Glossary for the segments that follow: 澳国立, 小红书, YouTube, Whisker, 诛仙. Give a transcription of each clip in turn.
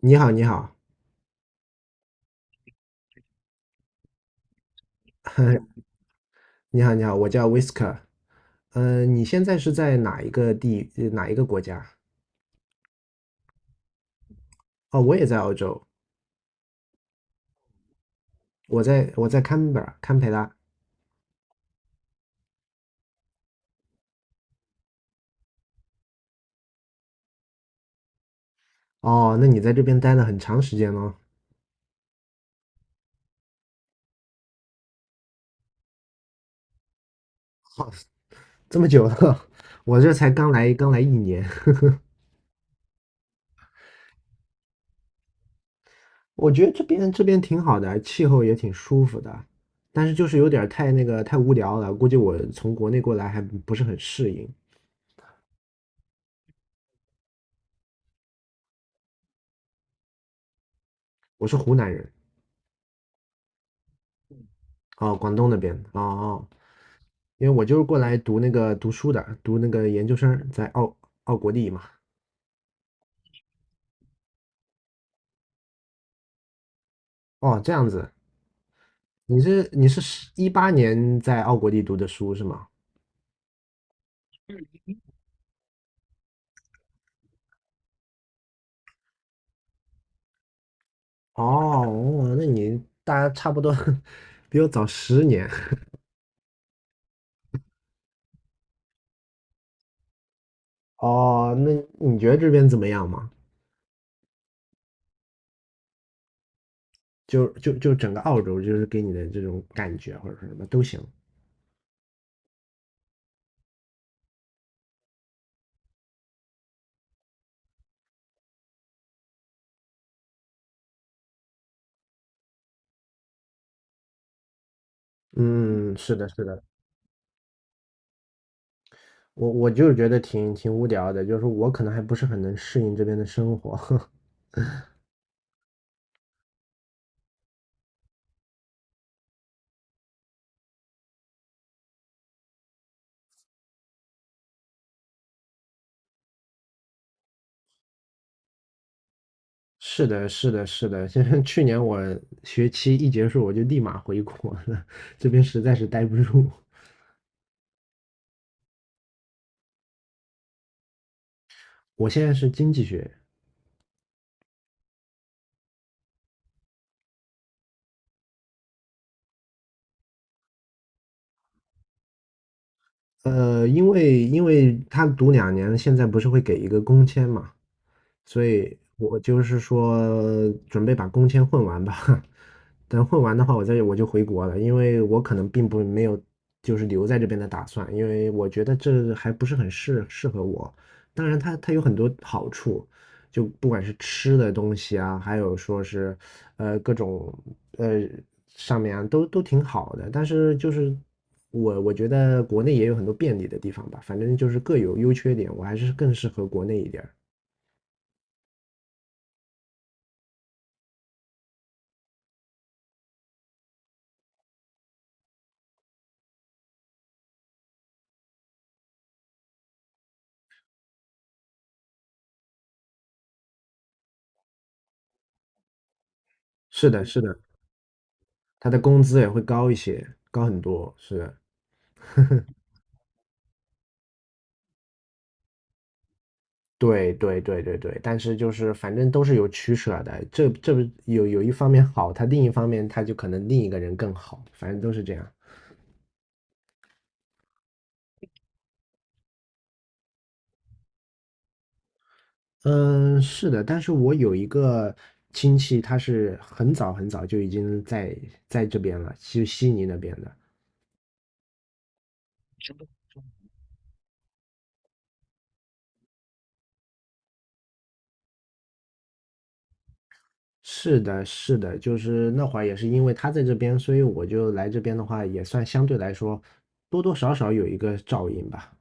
你好，你好，你好，你好，我叫 Whisker。你现在是在哪一个哪一个国家？哦，我也在澳洲，我在堪培拉，堪培拉。哦，那你在这边待了很长时间喽，这么久了，我这才刚来，刚来一年。我觉得这边挺好的，气候也挺舒服的，但是就是有点儿太那个太无聊了，估计我从国内过来还不是很适应。我是湖南人，哦，广东那边，哦哦。因为我就是过来读那个读书的，读那个研究生，在澳国立嘛。哦，这样子，你是18年在澳国立读的书是吗？哦，哦那你大家差不多 比我早10年。哦，那你觉得这边怎么样嘛？就整个澳洲，就是给你的这种感觉或者是什么都行。嗯，是的，是的，我就是觉得挺无聊的，就是我可能还不是很能适应这边的生活。是的，是的，是的。现在去年我学期一结束，我就立马回国了，这边实在是待不住。我现在是经济学，因为他读两年，现在不是会给一个工签嘛，所以我就是说准备把工签混完吧。等混完的话，我就回国了，因为我可能并不没有就是留在这边的打算，因为我觉得这还不是很适合我。当然它有很多好处，就不管是吃的东西啊，还有说是各种呃上面啊，都挺好的。但是就是我觉得国内也有很多便利的地方吧，反正就是各有优缺点，我还是更适合国内一点儿。是的，是的。他的工资也会高一些，高很多，是，对对对对对，但是就是反正都是有取舍的，这不有一方面好，他另一方面他就可能另一个人更好，反正都是这样。嗯，是的，但是我有一个亲戚，他是很早很早就已经在这边了，就悉尼那边的。是的，是的，就是那会儿也是因为他在这边，所以我就来这边的话，也算相对来说多多少少有一个照应吧。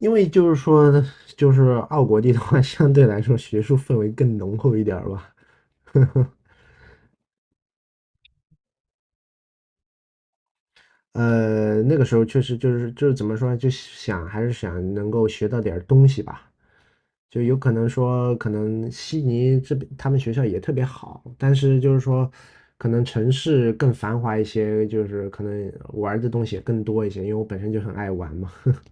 因为就是说，就是奥国地的话，相对来说学术氛围更浓厚一点儿吧。呃，那个时候确实就是怎么说呢还是想能够学到点儿东西吧。就有可能说，可能悉尼这边他们学校也特别好，但是就是说，可能城市更繁华一些，就是可能玩儿的东西也更多一些，因为我本身就很爱玩嘛。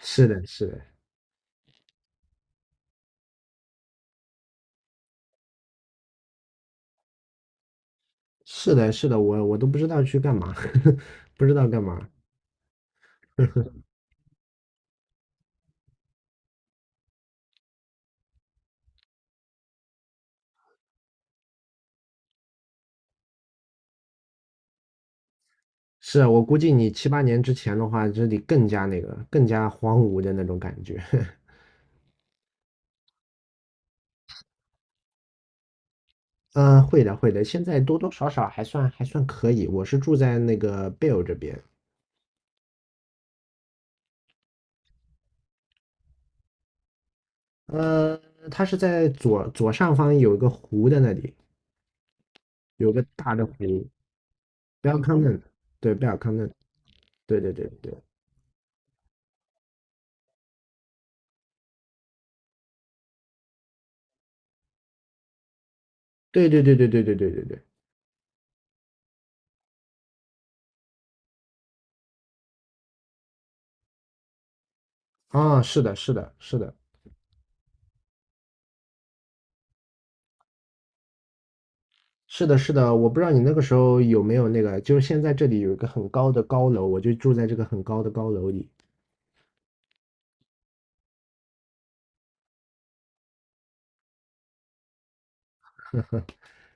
是的，是的，是的，是的，我都不知道去干嘛，不知道干嘛。是啊，我估计你7、8年之前的话，这里更加那个，更加荒芜的那种感觉。嗯，会的，会的。现在多多少少还算可以。我是住在那个贝尔这边，呃，它是在左上方有一个湖的那里，有个大的湖，贝尔康嫩，对，贝尔康嫩，对对对对对对对对对对对对对。啊，是的，是的，是的，是的，是的。我不知道你那个时候有没有那个，就是现在这里有一个很高的高楼，我就住在这个很高的高楼里。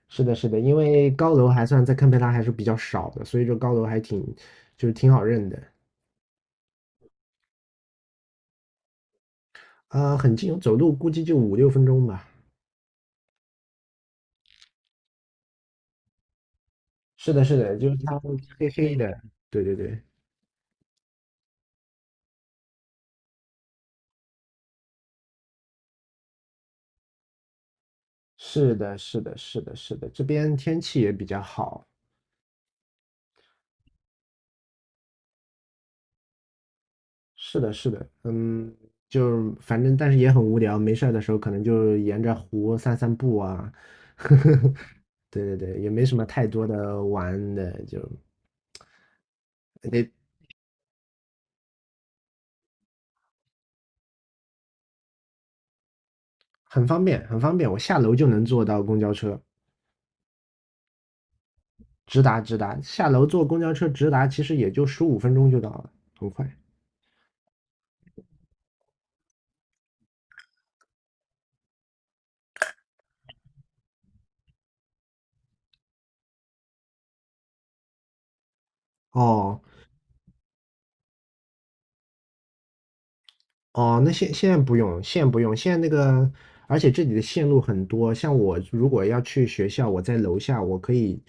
是的，是的，因为高楼还算在堪培拉还是比较少的，所以这高楼还挺挺好认的。很近，走路估计就5、6分钟吧。是的，是的，就是它黑黑的。对对对，是的，是的，是的，是的，这边天气也比较好。是的，是的，嗯，就是反正但是也很无聊，没事儿的时候可能就沿着湖散散步啊。对对对，也没什么太多的玩的，就。哎很方便，很方便，我下楼就能坐到公交车，直达直达，下楼坐公交车直达，其实也就十五分钟就到了，很快。哦哦，那现在不用，现在不用，现在那个，而且这里的线路很多，像我如果要去学校，我在楼下，我可以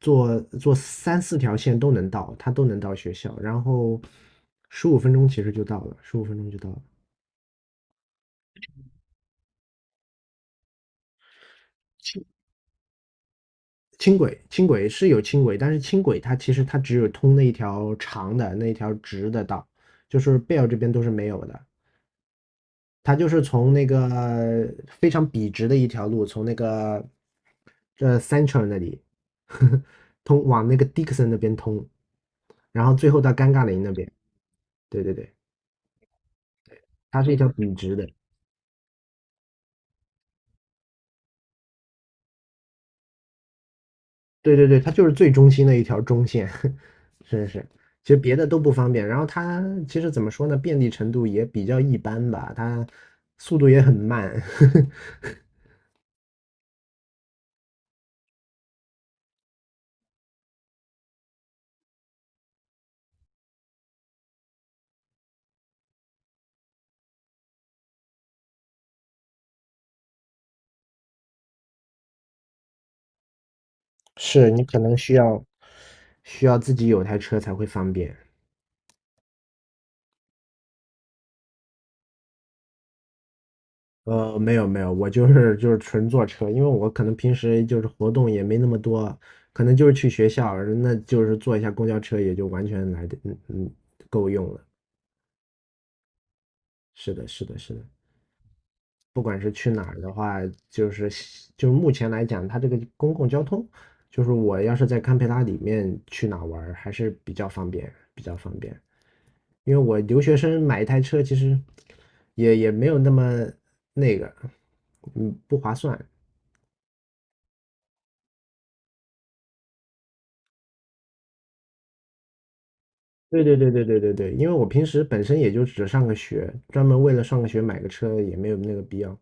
坐三四条线都能到，它都能到学校，然后十五分钟其实就到了，十五分钟就到了。轻轨，轻轨是有轻轨，但是轻轨它其实它只有通那一条长的那一条直的道，就是贝尔这边都是没有的。它就是从那个非常笔直的一条路，从那个这 Central 那里呵呵 通往那个 Dixon 那边通，然后最后到尴尬林那边。对对对，它是一条笔直的。对对对，它就是最中心的一条中线。是是，其实别的都不方便，然后它其实怎么说呢，便利程度也比较一般吧，它速度也很慢，是你可能需要自己有台车才会方便。没有没有，我就是纯坐车，因为我可能平时就是活动也没那么多，可能就是去学校，那就是坐一下公交车也就完全来的够用了。是的，是的，是的。不管是去哪儿的话，就是就是目前来讲，它这个公共交通，就是我要是在堪培拉里面去哪儿玩儿还是比较方便，比较方便。因为我留学生买一台车，其实也没有那么那个，不划算。对对对对对对对，因为我平时本身也就只上个学，专门为了上个学买个车也没有那个必要。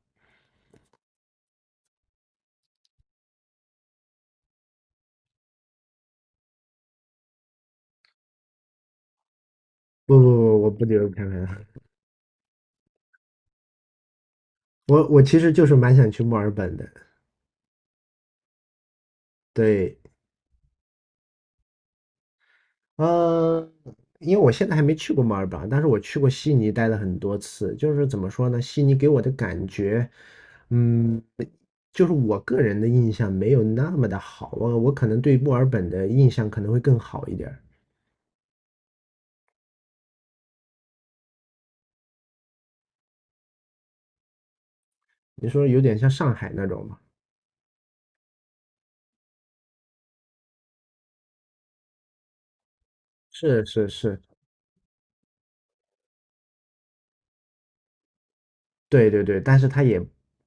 不不不，我不留堪培拉，我其实就是蛮想去墨尔本的。对，嗯，因为我现在还没去过墨尔本，但是我去过悉尼，待了很多次。就是怎么说呢，悉尼给我的感觉，嗯，就是我个人的印象没有那么的好。我可能对墨尔本的印象可能会更好一点儿。你说有点像上海那种嘛？是是是，对对对，但是它也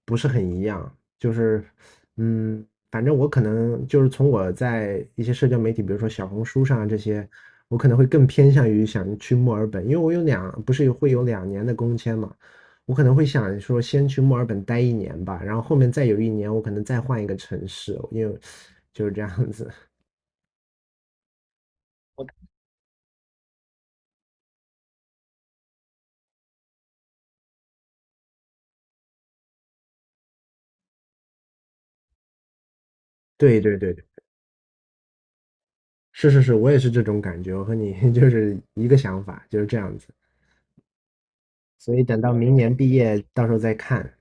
不是很一样，就是，反正我可能就是从我在一些社交媒体，比如说小红书上啊这些，我可能会更偏向于想去墨尔本，因为我有两，不是有会有两年的工签嘛，我可能会想说先去墨尔本待一年吧，然后后面再有一年我可能再换一个城市，因为就是这样子。对对对对，是是是，我也是这种感觉，我和你 就是一个想法，就是这样子。所以等到明年毕业，到时候再看。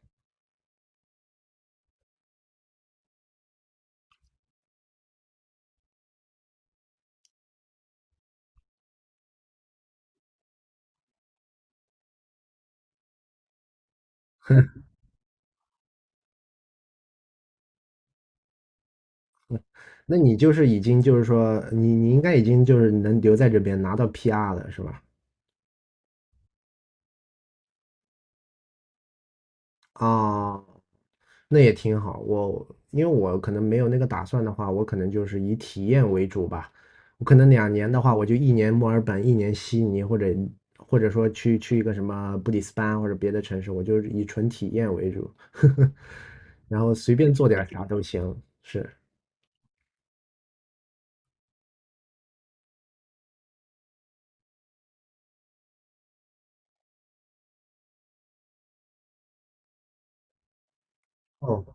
那你就是已经就是说，你应该已经就是能留在这边拿到 PR 了，是吧？啊，那也挺好。因为我可能没有那个打算的话，我可能就是以体验为主吧。我可能两年的话，我就一年墨尔本，一年悉尼，或者说去一个什么布里斯班或者别的城市，我就是以纯体验为主，然后随便做点啥都行。是，哦，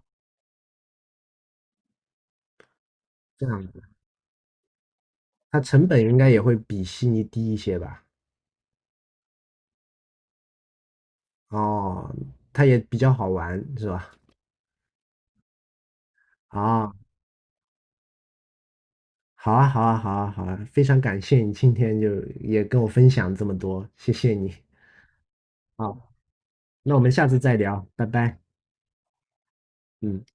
这样子，它成本应该也会比悉尼低一些吧？哦，它也比较好玩是吧？啊，好啊，好啊，好啊，好啊，非常感谢你今天就也跟我分享这么多，谢谢你。好，那我们下次再聊，拜拜。嗯。